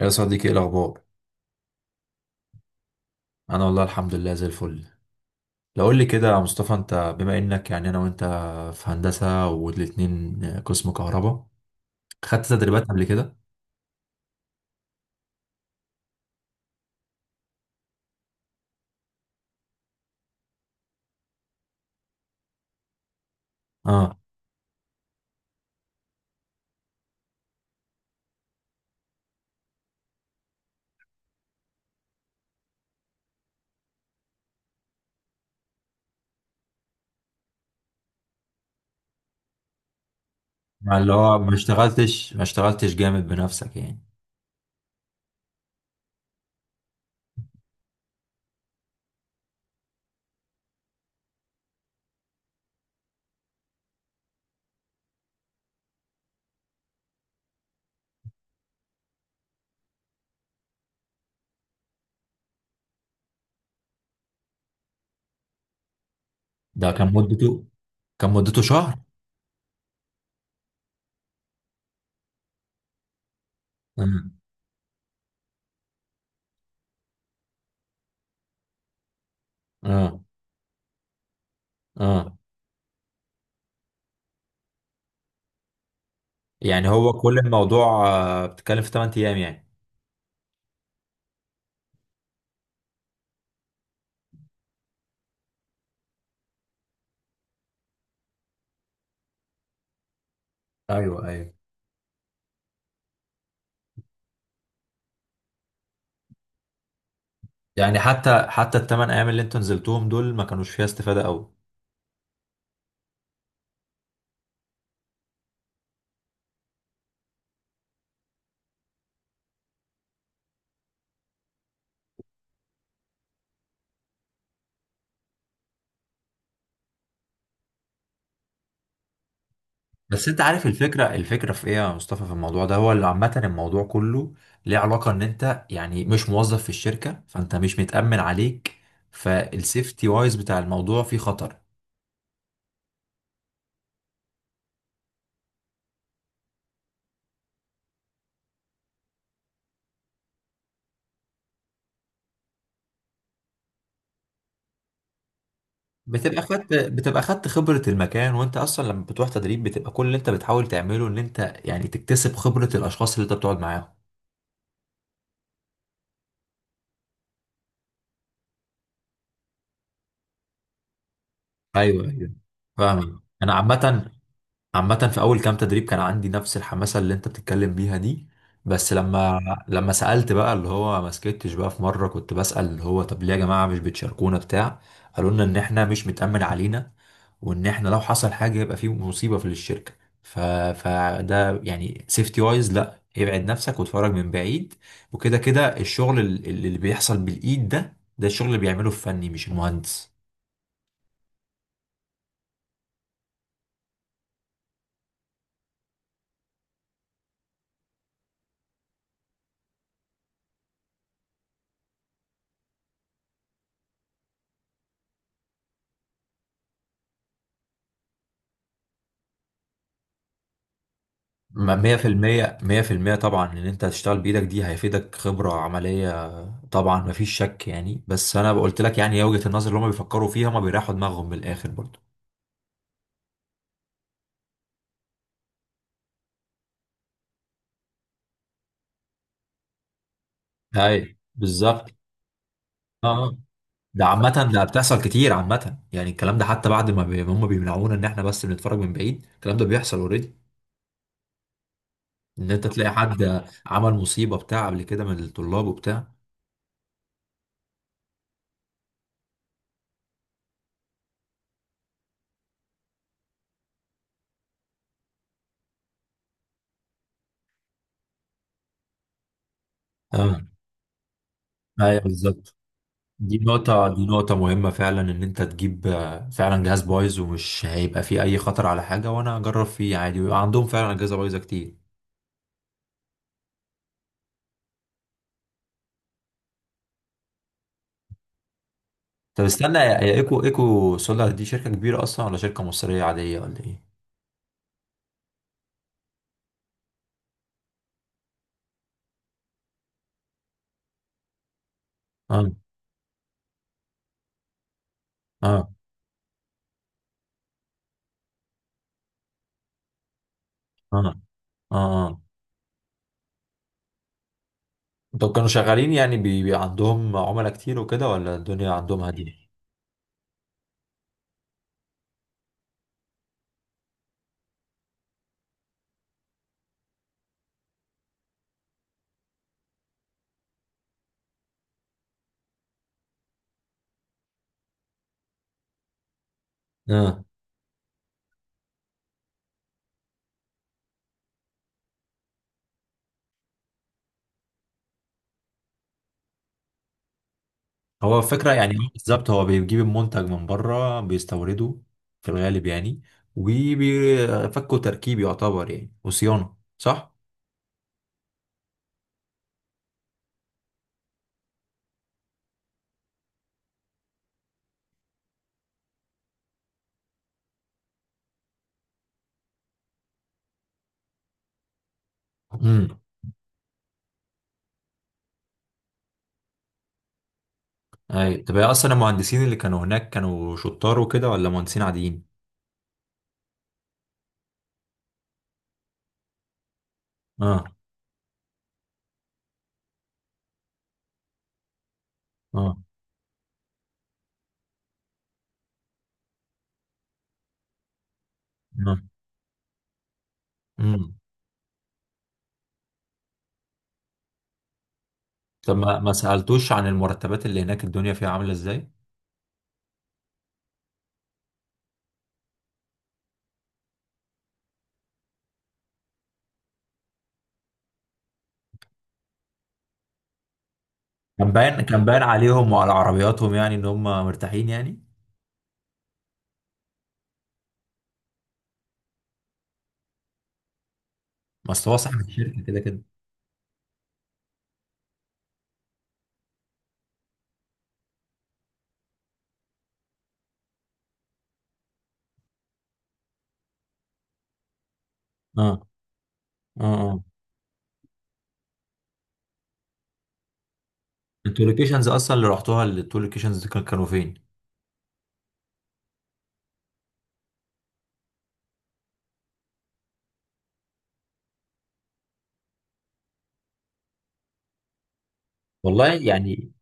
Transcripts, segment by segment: يا صديقي، ايه الاخبار؟ انا والله الحمد لله زي الفل. لو قول لي كده يا مصطفى، انت بما انك يعني انا وانت في هندسه والاتنين قسم كهرباء، خدت تدريبات قبل كده؟ اه. مع اللي هو ما اشتغلتش جامد بنفسك يعني. ده كان مدته شهر. امم. اه، اه. يعني هو كل الموضوع، بتتكلم في 8 ايام يعني. ايوه، ايوه. يعني حتى الثمان ايام اللي انتوا نزلتوهم دول ما كانوش فيها استفاده قوي. بس انت عارف الفكرة في ايه يا مصطفى؟ في الموضوع ده، هو اللي عامة الموضوع كله ليه علاقة ان انت يعني مش موظف في الشركة، فانت مش متأمن عليك، فالسيفتي وايز بتاع الموضوع فيه خطر. بتبقى خدت خبرة المكان، وانت اصلا لما بتروح تدريب بتبقى كل اللي انت بتحاول تعمله ان انت يعني تكتسب خبرة الاشخاص اللي انت بتقعد معاهم. ايوه، ايوه. فاهمك. انا عامة، عامة في أول كام تدريب كان عندي نفس الحماسة اللي أنت بتتكلم بيها دي. بس لما سألت بقى، اللي هو ما سكتش بقى، في مرة كنت بسأل اللي هو طب ليه يا جماعة مش بتشاركونا بتاع، قالوا لنا إن إحنا مش متأمن علينا، وإن إحنا لو حصل حاجة يبقى في مصيبة في الشركة. ف... فده يعني سيفتي وايز، لا، ابعد نفسك واتفرج من بعيد. وكده كده الشغل اللي بيحصل بالإيد ده الشغل اللي بيعمله الفني مش المهندس. مية في المية، مية في المية طبعا ان انت هتشتغل بايدك دي هيفيدك خبرة عملية. طبعا مفيش شك يعني، بس انا قلت لك يعني، هي وجهة النظر اللي هم بيفكروا فيها ما بيريحوا دماغهم من الاخر برضو. اي، بالظبط. اه، آه. ده عامة، ده بتحصل كتير عامة، يعني الكلام ده حتى بعد ما هم بيمنعونا ان احنا بس بنتفرج من بعيد، الكلام ده بيحصل اوريدي. ان انت تلاقي حد عمل مصيبة بتاع قبل كده من الطلاب وبتاع. اه، ايوه، بالظبط. دي نقطة مهمة فعلا، إن أنت تجيب فعلا جهاز بايظ ومش هيبقى فيه أي خطر على حاجة، وأنا أجرب فيه عادي، ويبقى عندهم فعلا أجهزة بايظة كتير. طب استنى، يا إيكو سولا دي شركة كبيرة أصلا ولا شركة مصرية عادية ولا إيه؟ آه، آه، آه، آه، آه. طب كانوا شغالين يعني، بي عندهم عملاء كتير وكده ولا الدنيا عندهم هادية؟ آه. هو الفكرة يعني، هو بالظبط هو بيجيب المنتج من بره، بيستورده في الغالب يعني، وبيفكوا تركيب يعتبر يعني وصيانة، صح؟ امم. اي، طب هي اصلا المهندسين اللي كانوا هناك كانوا شطار وكده ولا مهندسين عاديين؟ اه، اه، اه. امم. طب ما سألتوش عن المرتبات اللي هناك الدنيا فيها عاملة ازاي؟ كان باين عليهم وعلى عربياتهم يعني ان هم مرتاحين يعني. بس هو صاحب الشركة كده كده. اه، اه، اه. انتوا اللوكيشنز اصلا اللي رحتوها التو لوكيشنز كانوا فين؟ والله يعني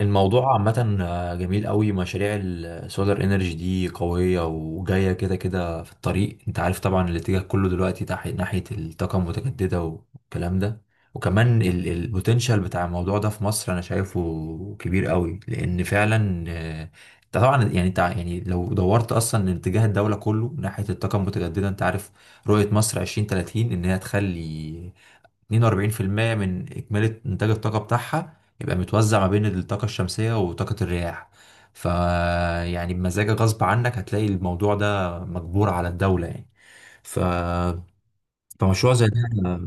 الموضوع عامة جميل قوي. مشاريع السولار انرجي دي قوية وجاية كده كده في الطريق. انت عارف طبعا الاتجاه كله دلوقتي ناحية الطاقة المتجددة والكلام ده. وكمان البوتنشال بتاع الموضوع ده في مصر انا شايفه كبير قوي، لان فعلا، انت طبعا يعني، انت يعني لو دورت اصلا اتجاه الدولة كله ناحية الطاقة المتجددة، انت عارف رؤية مصر 2030 ان هي تخلي 42% من إجمالي إنتاج الطاقة بتاعها يبقى متوزع ما بين الطاقة الشمسية وطاقة الرياح. ف يعني بمزاجك غصب عنك هتلاقي الموضوع ده مجبور على الدولة يعني. ف فمشروع زي ده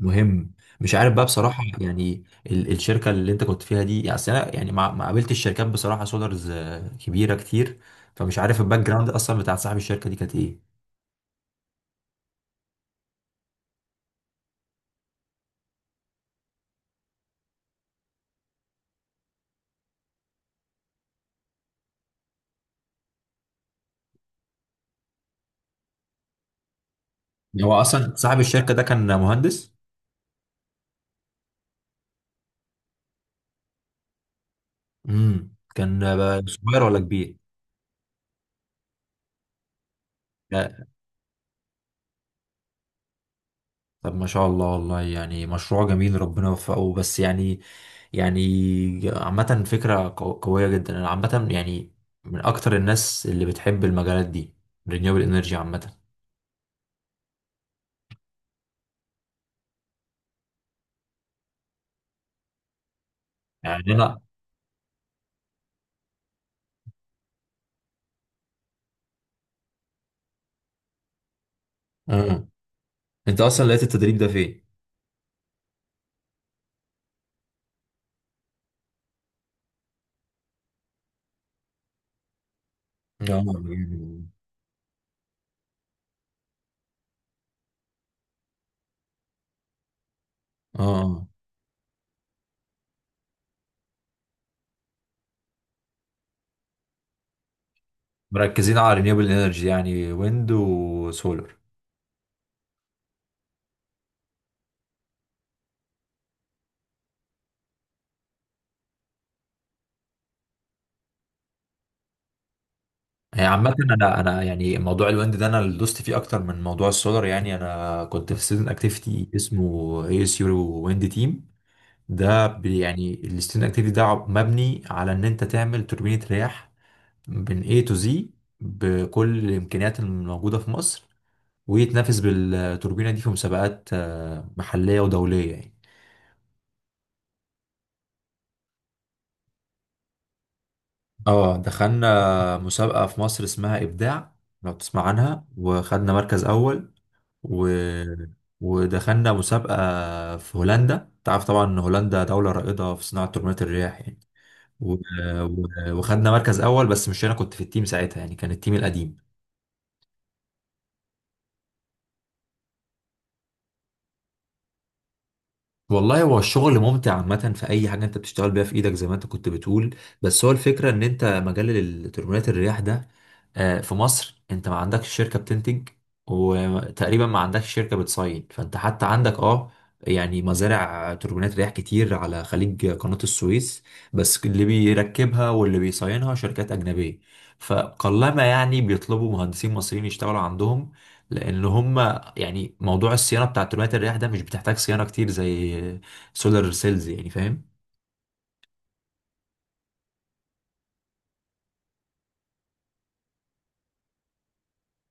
مهم. مش عارف بقى بصراحة يعني، الشركة اللي انت كنت فيها دي يعني، أصل انا يعني ما قابلتش شركات بصراحة سولارز كبيرة كتير. فمش عارف الباك جراوند اصلا بتاع صاحب الشركة دي كانت ايه. هو اصلا صاحب الشركة ده كان مهندس؟ امم. كان صغير ولا كبير؟ طب ما شاء الله، والله يعني مشروع جميل ربنا يوفقه، بس يعني، يعني عامة فكرة قوية جدا، أنا عامة يعني من أكتر الناس اللي بتحب المجالات دي، رينيوبل انرجي عامة. يعني أنا آه. أنت أصلا لقيت التدريب ده فين؟ آه يعني- آه، آه. مركزين على رينيوبل انرجي يعني ويند وسولر. هي عامة أنا أنا يعني موضوع الويند ده، أنا اللي دوست فيه أكتر من موضوع السولر، يعني أنا كنت في ستودنت أكتيفيتي اسمه ASU ويند تيم. ده يعني الستودنت اكتيفيتي ده مبني على ان انت تعمل توربينة رياح من A to Z بكل الامكانيات الموجودة في مصر، ويتنافس بالتوربينة دي في مسابقات محلية ودولية يعني. اه، دخلنا مسابقة في مصر اسمها إبداع، لو تسمع عنها، وخدنا مركز أول. و... ودخلنا مسابقة في هولندا، تعرف طبعا إن هولندا دولة رائدة في صناعة توربينات الرياح يعني، وخدنا مركز اول، بس مش انا كنت في التيم ساعتها يعني، كان التيم القديم. والله هو الشغل ممتع عامة في أي حاجة أنت بتشتغل بيها في إيدك، زي ما أنت كنت بتقول. بس هو الفكرة إن أنت مجال تربينات الرياح ده في مصر أنت ما عندكش شركة بتنتج وتقريبا ما عندكش شركة بتصين، فأنت حتى عندك أه، يعني مزارع توربينات رياح كتير على خليج قناة السويس، بس اللي بيركبها واللي بيصينها شركات أجنبية. فقلما يعني بيطلبوا مهندسين مصريين يشتغلوا عندهم، لأن هم يعني موضوع الصيانه بتاع تربينات الرياح ده مش بتحتاج صيانه كتير زي سولار سيلز يعني، فاهم.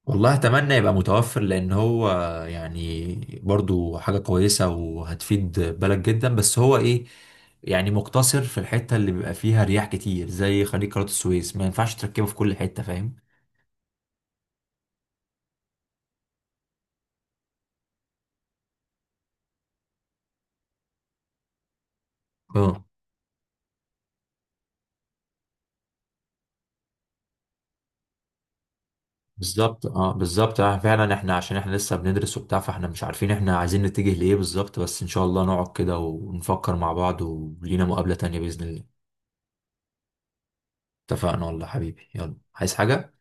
والله اتمنى يبقى متوفر، لان هو يعني برضو حاجه كويسه وهتفيد بلد جدا، بس هو ايه يعني مقتصر في الحته اللي بيبقى فيها رياح كتير زي خليج قناه السويس، ما ينفعش تركبه في كل حته، فاهم. اه، بالظبط، اه، بالظبط، اه، فعلا احنا عشان احنا لسه بندرس وبتاع، فاحنا مش عارفين احنا عايزين نتجه لايه بالظبط، بس ان شاء الله نقعد كده ونفكر مع بعض ولينا مقابلة تانية بإذن الله. اتفقنا والله حبيبي، يلا، عايز حاجة؟